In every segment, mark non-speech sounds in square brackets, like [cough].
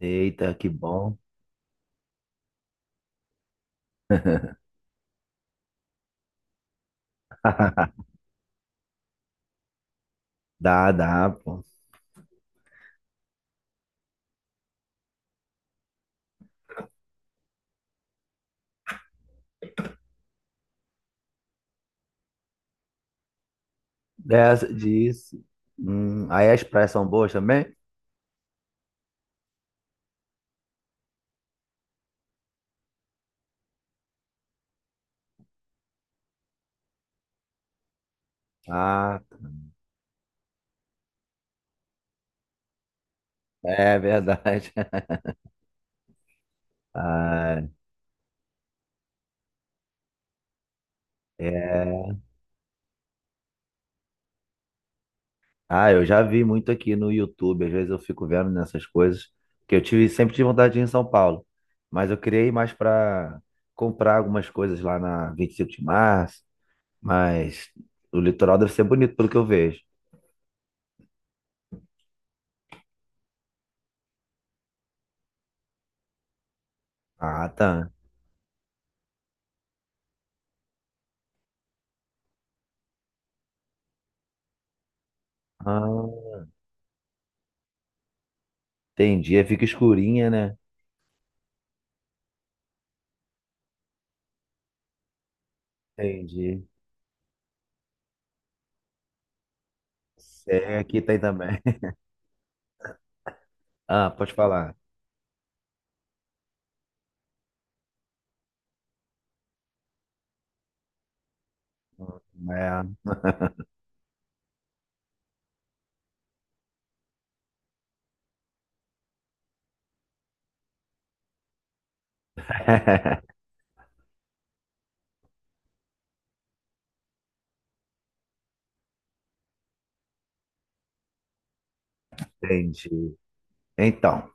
Eita, que bom. [laughs] Dá, dá, pô. Dessa, disso. Aí as praias são boas também? Ah, tá. É verdade. [laughs] Ah, é. Ah, eu já vi muito aqui no YouTube, às vezes eu fico vendo nessas coisas, sempre tive vontade de ir em São Paulo, mas eu criei mais para comprar algumas coisas lá na 25 de Março, mas o litoral deve ser bonito pelo que eu vejo. Ah, tá. Ah, entendi, aí fica escurinha, né? Entendi. Sei, aqui tem também. [laughs] Ah, pode falar. É. [laughs] Entendi. Então,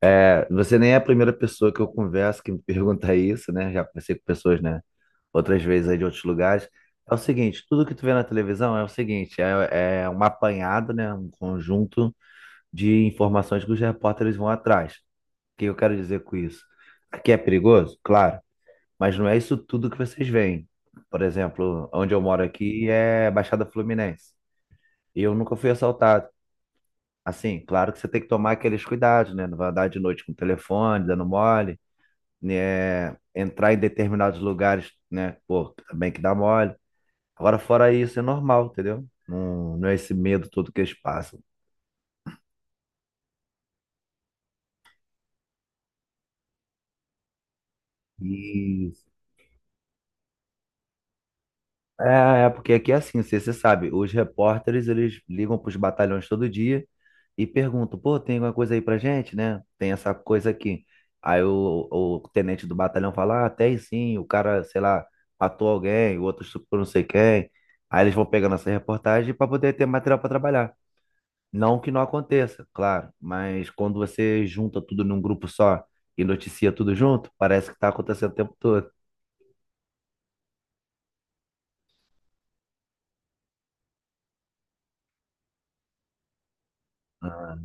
você nem é a primeira pessoa que eu converso que me [laughs] pergunta isso, né? Já conversei com pessoas, né? Outras vezes aí de outros lugares. É o seguinte, tudo que tu vê na televisão é o seguinte, é um apanhado, né? Um conjunto de informações que os repórteres vão atrás. O que eu quero dizer com isso? Aqui é perigoso? Claro. Mas não é isso tudo que vocês veem. Por exemplo, onde eu moro aqui é Baixada Fluminense. E eu nunca fui assaltado. Assim, claro que você tem que tomar aqueles cuidados, né? Não vai andar de noite com o telefone, dando mole, né? Entrar em determinados lugares, né? Pô, também que dá mole. Agora, fora isso, é normal, entendeu? Não, não é esse medo todo que eles passam. E porque aqui é assim, você sabe, os repórteres, eles ligam para os batalhões todo dia e perguntam, pô, tem alguma coisa aí pra gente, né? Tem essa coisa aqui. Aí o tenente do batalhão fala, ah, tem sim, o cara, sei lá, matou alguém, o outro estuprou não sei quem. Aí eles vão pegando essa reportagem para poder ter material para trabalhar. Não que não aconteça, claro, mas quando você junta tudo num grupo só e noticia tudo junto, parece que tá acontecendo o tempo todo. Ah,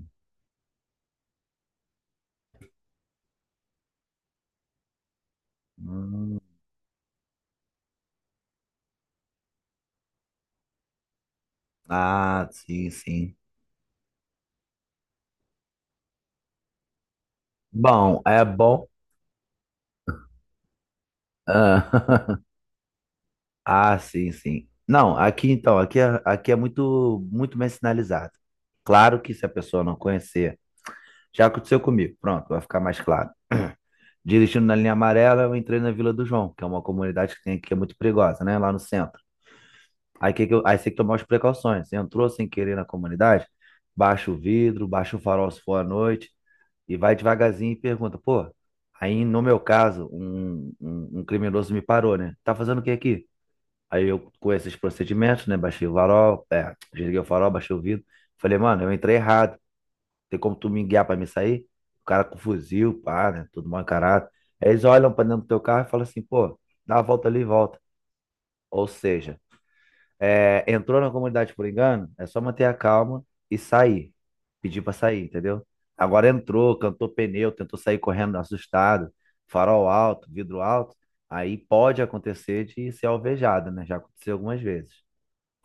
hum. Ah, sim, sim. Bom, é bom. Ah, [laughs] ah, sim, sim. Não, aqui então, aqui é muito, muito bem sinalizado. Claro que se a pessoa não conhecer, já aconteceu comigo. Pronto, vai ficar mais claro. [clears throat] Dirigindo na linha amarela, eu entrei na Vila do João, que é uma comunidade que tem aqui, que é muito perigosa, né? Lá no centro. Aí, aí você tem que tomar as precauções. Você entrou sem querer na comunidade, baixa o vidro, baixa o farol se for à noite, e vai devagarzinho e pergunta, pô, aí no meu caso, um criminoso me parou, né? Tá fazendo o que aqui? Aí eu, com esses procedimentos, né? Baixei o farol, é, desliguei o farol, baixei o vidro. Falei, mano, eu entrei errado. Tem como tu me guiar pra me sair? O cara com fuzil, pá, né? Tudo mal encarado. Aí eles olham pra dentro do teu carro e falam assim, pô, dá uma volta ali e volta. Ou seja, é, entrou na comunidade por engano, é só manter a calma e sair. Pedir pra sair, entendeu? Agora entrou, cantou pneu, tentou sair correndo assustado, farol alto, vidro alto. Aí pode acontecer de ser alvejada, né? Já aconteceu algumas vezes.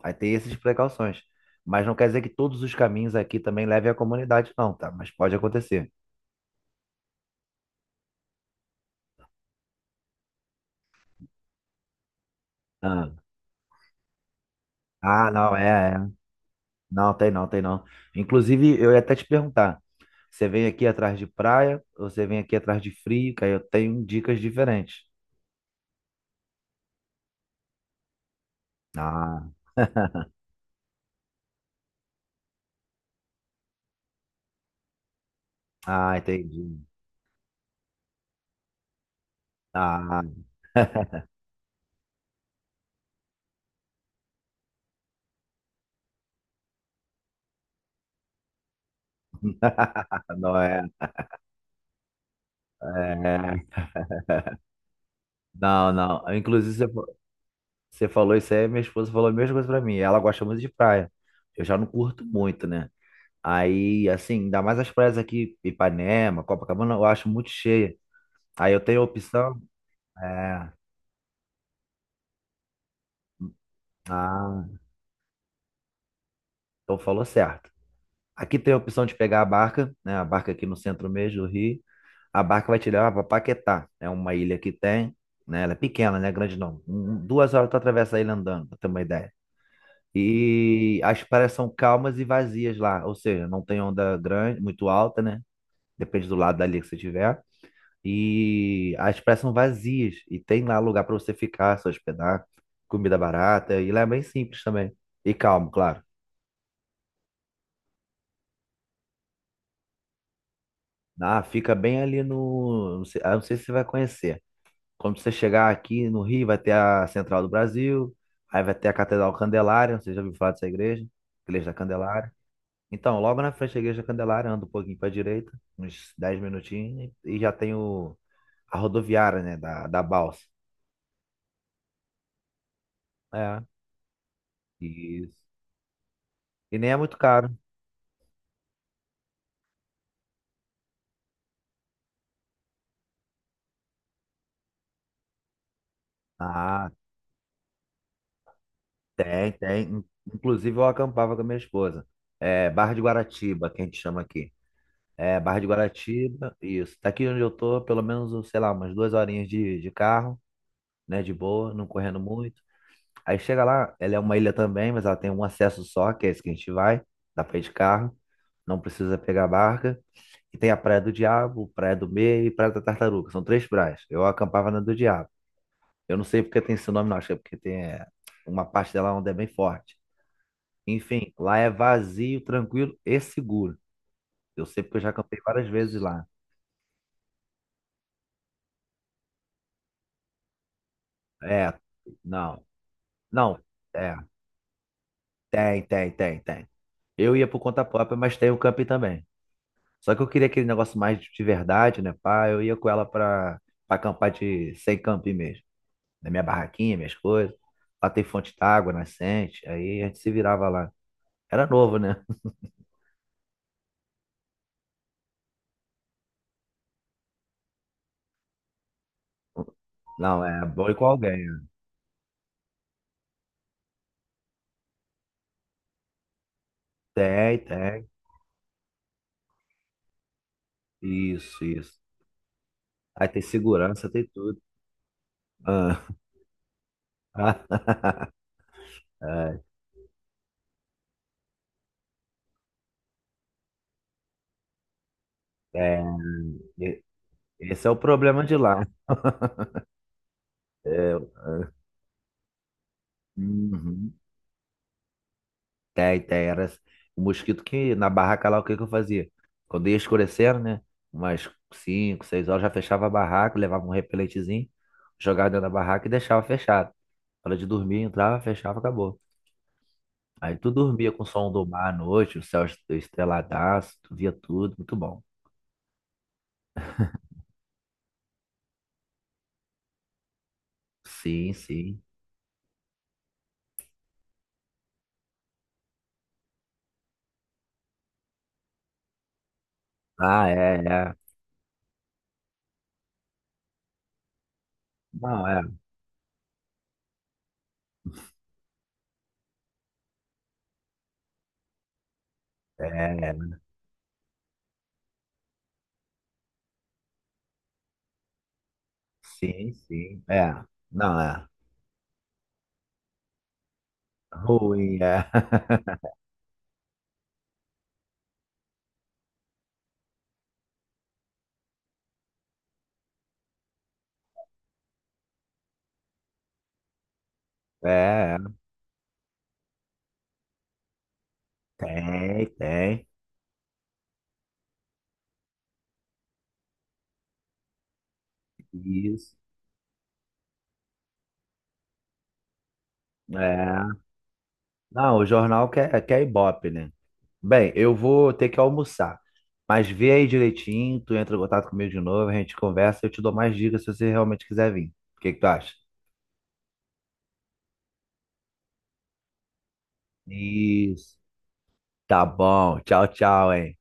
Aí tem essas precauções. Mas não quer dizer que todos os caminhos aqui também levem à comunidade, não, tá? Mas pode acontecer. Ah, ah, não, é, é. Não, tem não, tem não. Inclusive, eu ia até te perguntar, você vem aqui atrás de praia ou você vem aqui atrás de frio? Que aí eu tenho dicas diferentes. Ah, ah, entendi. Ah, [laughs] não é, é. Não, não. Inclusive, você falou isso aí, minha esposa falou a mesma coisa pra mim. Ela gosta muito de praia. Eu já não curto muito, né? Aí, assim, ainda mais as praias aqui, Ipanema, Copacabana, eu acho muito cheia. Aí eu tenho a opção. É. Ah, então falou certo. Aqui tem a opção de pegar a barca, né? A barca aqui no centro mesmo do Rio. A barca vai te levar para Paquetá. É uma ilha que tem, né? Ela é pequena, né? Grande não. 2 horas tu atravessa a ilha andando, pra ter uma ideia. E as praias são calmas e vazias lá, ou seja, não tem onda grande, muito alta, né? Depende do lado da ilha que você tiver. E as praias são vazias e tem lá lugar para você ficar, se hospedar, comida barata e lá é bem simples também. E calmo, claro. Ah, fica bem ali no, não sei, ah, não sei se você vai conhecer. Quando você chegar aqui no Rio, vai ter a Central do Brasil, aí vai ter a Catedral Candelária, você já ouviu falar dessa igreja? Igreja da Candelária. Então, logo na frente da Igreja da Candelária, anda um pouquinho para a direita, uns 10 minutinhos, e já tem o, a rodoviária, né, da Balsa. É, isso. E nem é muito caro. Ah, tem, tem. Inclusive, eu acampava com a minha esposa. É, Barra de Guaratiba, que a gente chama aqui. É, Barra de Guaratiba, isso. Daqui onde eu tô, pelo menos, sei lá, umas 2 horinhas de carro. Né? De boa, não correndo muito. Aí chega lá, ela é uma ilha também, mas ela tem um acesso só, que é esse que a gente vai. Dá pra ir de carro, não precisa pegar barca. E tem a Praia do Diabo, Praia do Meio e Praia da Tartaruga. São três praias. Eu acampava na do Diabo. Eu não sei porque tem esse nome, não. Acho que é porque tem é, uma parte dela onde é bem forte. Enfim, lá é vazio, tranquilo e seguro. Eu sei porque eu já acampei várias vezes lá. É, não, não, é, tem, tem, tem, tem. Eu ia por conta própria, mas tem o camping também. Só que eu queria aquele negócio mais de verdade, né, pá? Eu ia com ela pra, pra acampar de sem camping mesmo. Na minha barraquinha, minhas coisas. Lá tem fonte d'água, nascente. Aí a gente se virava lá. Era novo, né? [laughs] Não, é bom ir com alguém. Tem, tem. Isso, isso. Aí tem segurança, tem tudo. Ah. [laughs] É, é, e- esse é o problema de lá. [laughs] É, uhum. Tem, tem. Era o mosquito que na barraca lá, o que que eu fazia? Quando ia escurecendo, né? Umas cinco, 6 horas, já fechava a barraca, levava um repelentezinho, jogava dentro da barraca e deixava fechado. Hora de dormir, entrava, fechava, acabou. Aí tu dormia com o som do mar à noite, o céu estreladaço, tu via tudo, muito bom. Sim, sim. Ah, é, é. Não, é. É, é. Sim, sim. É. Não, é. Ruim, é. [laughs] É, é. Tem, tem. Isso. É. Não, o jornal quer, quer Ibope, né? Bem, eu vou ter que almoçar. Mas vê aí direitinho, tu entra em contato comigo de novo, a gente conversa, eu te dou mais dicas se você realmente quiser vir. O que que tu acha? Isso. Tá bom. Tchau, tchau, hein?